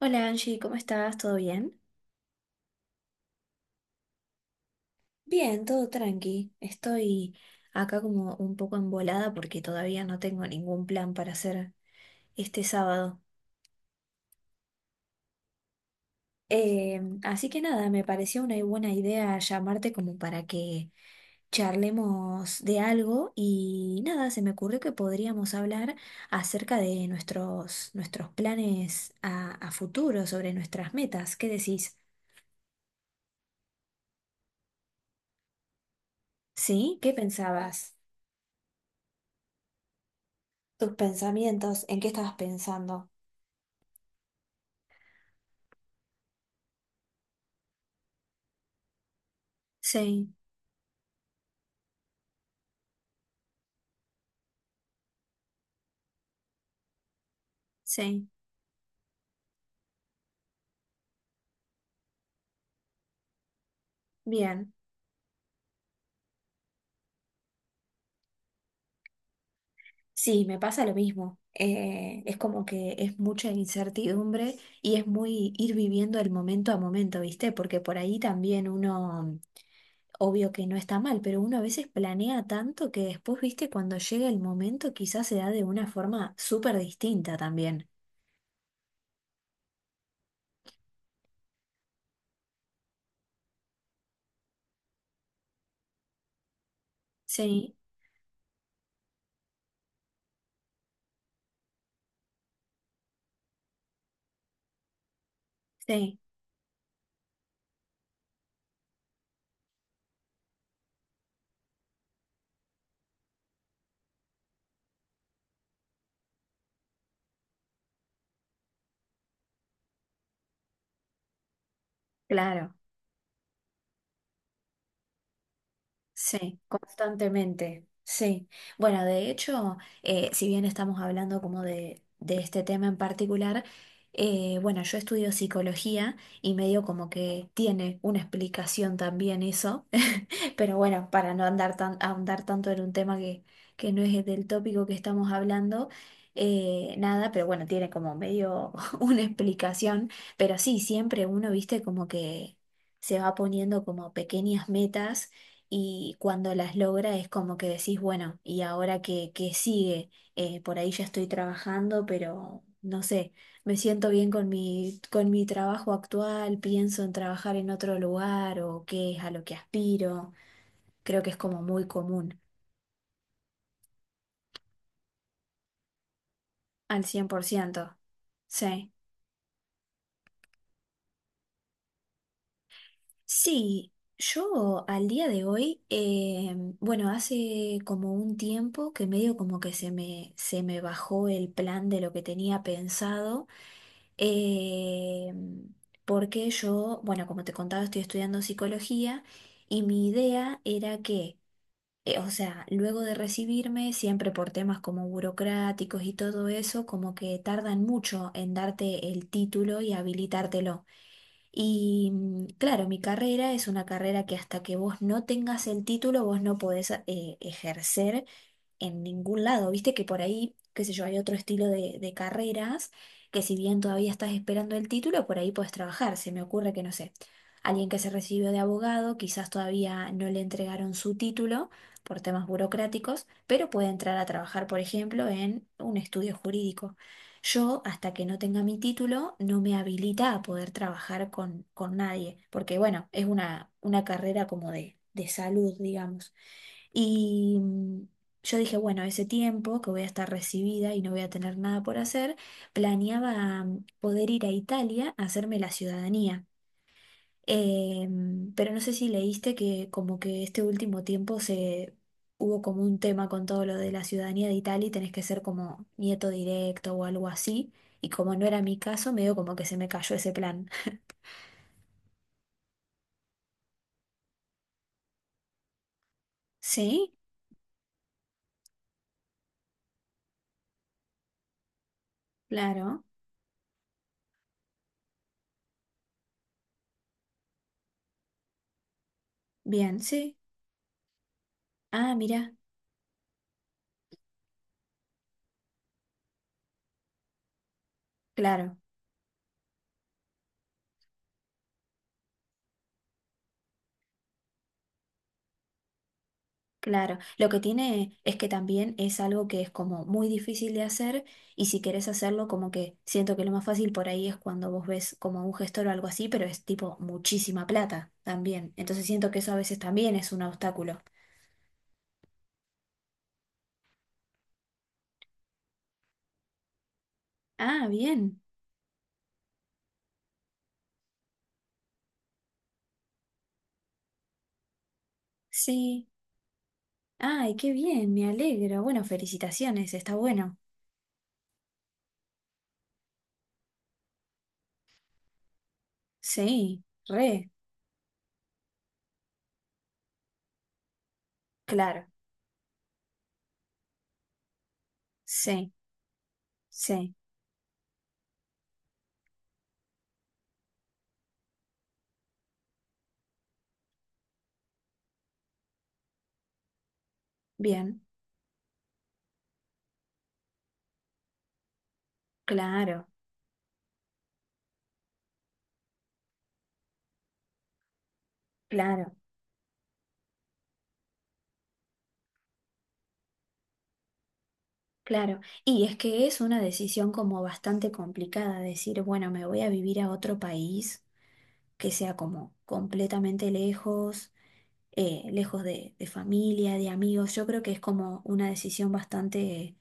Hola Angie, ¿cómo estás? ¿Todo bien? Bien, todo tranqui. Estoy acá como un poco embolada porque todavía no tengo ningún plan para hacer este sábado. Así que nada, me pareció una buena idea llamarte como para que charlemos de algo y nada, se me ocurrió que podríamos hablar acerca de nuestros planes a futuro, sobre nuestras metas. ¿Qué decís? ¿Sí? ¿Qué pensabas? Tus pensamientos, ¿en qué estabas pensando? Sí, sí, bien. Sí, me pasa lo mismo. Es como que es mucha incertidumbre y es muy ir viviendo el momento a momento, ¿viste? Porque por ahí también uno, obvio que no está mal, pero uno a veces planea tanto que después, ¿viste? Cuando llega el momento quizás se da de una forma súper distinta también. Sí, sí, claro. Sí, constantemente, sí. Bueno, de hecho, si bien estamos hablando como de este tema en particular, bueno, yo estudio psicología y medio como que tiene una explicación también eso. Pero bueno, para no andar tan, ahondar tanto en un tema que no es del tópico que estamos hablando, nada, pero bueno, tiene como medio una explicación, pero sí, siempre uno, viste, como que se va poniendo como pequeñas metas y cuando las logra es como que decís, bueno, ¿y ahora qué sigue? Por ahí ya estoy trabajando, pero no sé, me siento bien con con mi trabajo actual, pienso en trabajar en otro lugar o qué es a lo que aspiro. Creo que es como muy común, al 100%. Sí. Sí, yo al día de hoy, bueno, hace como un tiempo que medio como que se se me bajó el plan de lo que tenía pensado, eh, porque yo, bueno, como te contaba, estoy estudiando psicología y mi idea era que… o sea, luego de recibirme, siempre por temas como burocráticos y todo eso, como que tardan mucho en darte el título y habilitártelo. Y claro, mi carrera es una carrera que hasta que vos no tengas el título, vos no podés ejercer en ningún lado. Viste que por ahí, qué sé yo, hay otro estilo de carreras que si bien todavía estás esperando el título, por ahí puedes trabajar. Se me ocurre que, no sé, alguien que se recibió de abogado, quizás todavía no le entregaron su título por temas burocráticos, pero puede entrar a trabajar, por ejemplo, en un estudio jurídico. Yo, hasta que no tenga mi título, no me habilita a poder trabajar con nadie, porque bueno, es una carrera como de salud, digamos. Y yo dije, bueno, ese tiempo que voy a estar recibida y no voy a tener nada por hacer, planeaba poder ir a Italia a hacerme la ciudadanía. Pero no sé si leíste que como que este último tiempo se hubo como un tema con todo lo de la ciudadanía de Italia y tenés que ser como nieto directo o algo así. Y como no era mi caso, medio como que se me cayó ese plan. Sí, claro. Bien, sí. Ah, mira, claro. Claro, lo que tiene es que también es algo que es como muy difícil de hacer y si querés hacerlo como que siento que lo más fácil por ahí es cuando vos ves como un gestor o algo así, pero es tipo muchísima plata también. Entonces siento que eso a veces también es un obstáculo. Ah, bien. Sí. Ay, qué bien, me alegro. Bueno, felicitaciones, está bueno. Sí, re, claro. Sí, sí. Bien, claro, claro. Claro, y es que es una decisión como bastante complicada, decir, bueno, me voy a vivir a otro país que sea como completamente lejos, lejos de familia, de amigos. Yo creo que es como una decisión bastante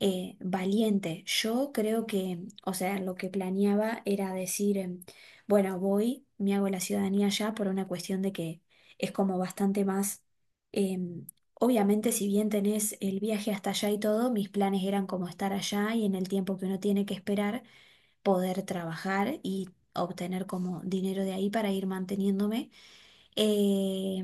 valiente. Yo creo o sea, lo que planeaba era decir, bueno, voy, me hago la ciudadanía ya por una cuestión de que es como bastante más, em, obviamente si bien tenés el viaje hasta allá y todo, mis planes eran como estar allá y en el tiempo que uno tiene que esperar, poder trabajar y obtener como dinero de ahí para ir manteniéndome. Eh,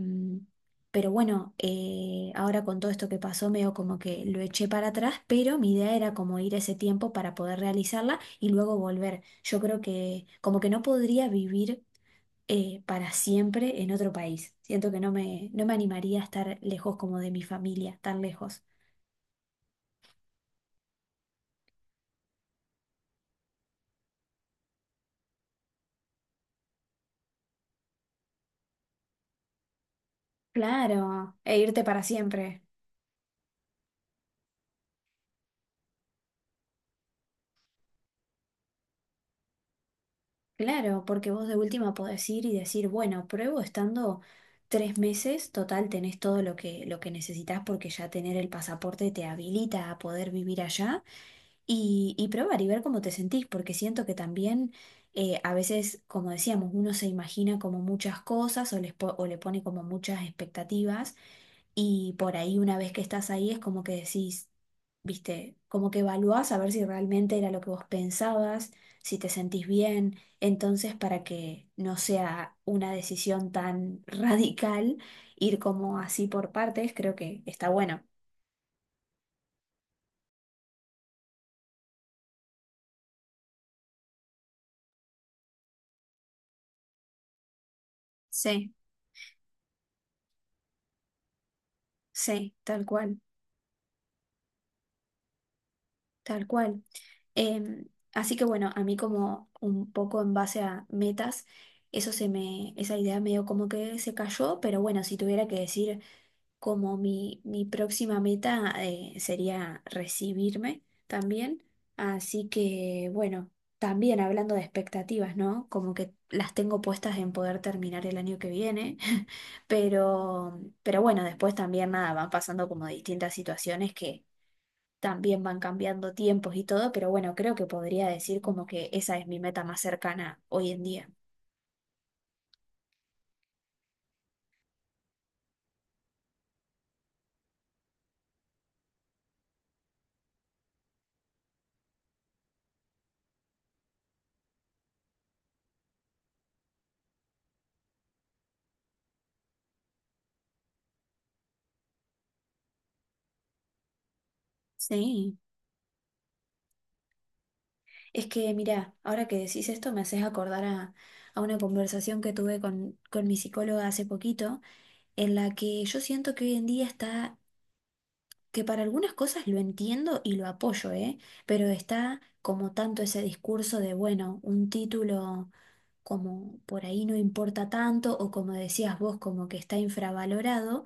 ahora con todo esto que pasó, medio como que lo eché para atrás, pero mi idea era como ir ese tiempo para poder realizarla y luego volver. Yo creo que como que no podría vivir para siempre en otro país. Siento que no no me animaría a estar lejos como de mi familia, tan lejos. Claro, e irte para siempre. Claro, porque vos de última podés ir y decir, bueno, pruebo estando 3 meses, total tenés todo lo lo que necesitas porque ya tener el pasaporte te habilita a poder vivir allá y probar y ver cómo te sentís, porque siento que también a veces, como decíamos, uno se imagina como muchas cosas o, les po- o le pone como muchas expectativas y por ahí, una vez que estás ahí, es como que decís, viste, como que evaluás a ver si realmente era lo que vos pensabas, si te sentís bien. Entonces, para que no sea una decisión tan radical, ir como así por partes, creo que está bueno. Sí, sí, tal cual, tal cual. Así que bueno, a mí como un poco en base a metas, eso se me, esa idea medio como que se cayó, pero bueno, si tuviera que decir como mi próxima meta sería recibirme también. Así que, bueno, también hablando de expectativas, ¿no? Como que las tengo puestas en poder terminar el año que viene, pero bueno, después también nada, van pasando como distintas situaciones que también van cambiando tiempos y todo, pero bueno, creo que podría decir como que esa es mi meta más cercana hoy en día. Sí. Es que, mira, ahora que decís esto me haces acordar a una conversación que tuve con mi psicóloga hace poquito, en la que yo siento que hoy en día está, que para algunas cosas lo entiendo y lo apoyo, ¿eh? Pero está como tanto ese discurso de, bueno, un título como por ahí no importa tanto o como decías vos, como que está infravalorado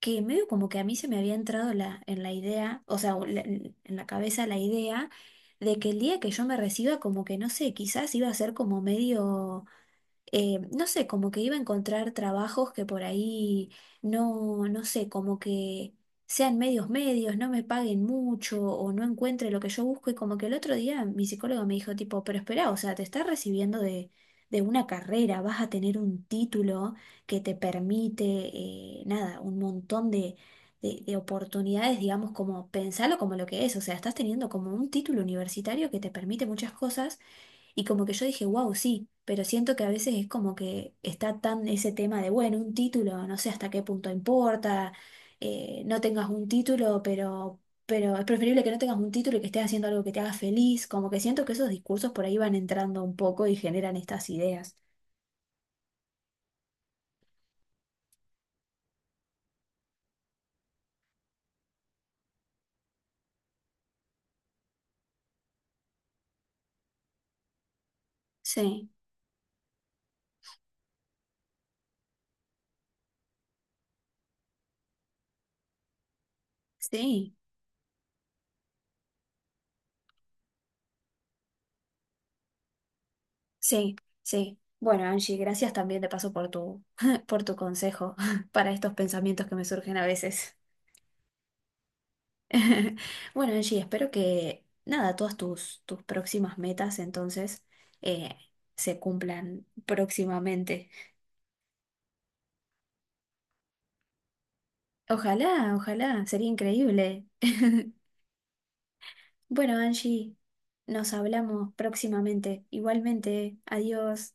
que medio como que a mí se me había entrado la, en la idea, o sea, o la- en la cabeza la idea de que el día que yo me reciba, como que no sé, quizás iba a ser como medio no sé, como que iba a encontrar trabajos que por ahí no, no sé, como que sean medios medios, no me paguen mucho o no encuentre lo que yo busco. Y como que el otro día mi psicólogo me dijo tipo, pero espera, o sea, te estás recibiendo de una carrera, vas a tener un título que te permite, nada, un montón de… De oportunidades, digamos, como pensarlo como lo que es, o sea, estás teniendo como un título universitario que te permite muchas cosas y como que yo dije, wow, sí, pero siento que a veces es como que está tan ese tema de, bueno, un título, no sé hasta qué punto importa, no tengas un título, pero es preferible que no tengas un título y que estés haciendo algo que te haga feliz, como que siento que esos discursos por ahí van entrando un poco y generan estas ideas. Sí, sí, sí, sí. Bueno, Angie, gracias también de paso por tu, por tu consejo para estos pensamientos que me surgen a veces. Bueno, Angie, espero que nada, todas tus próximas metas entonces eh, se cumplan próximamente. Ojalá, ojalá, sería increíble. Bueno, Angie, nos hablamos próximamente. Igualmente, adiós.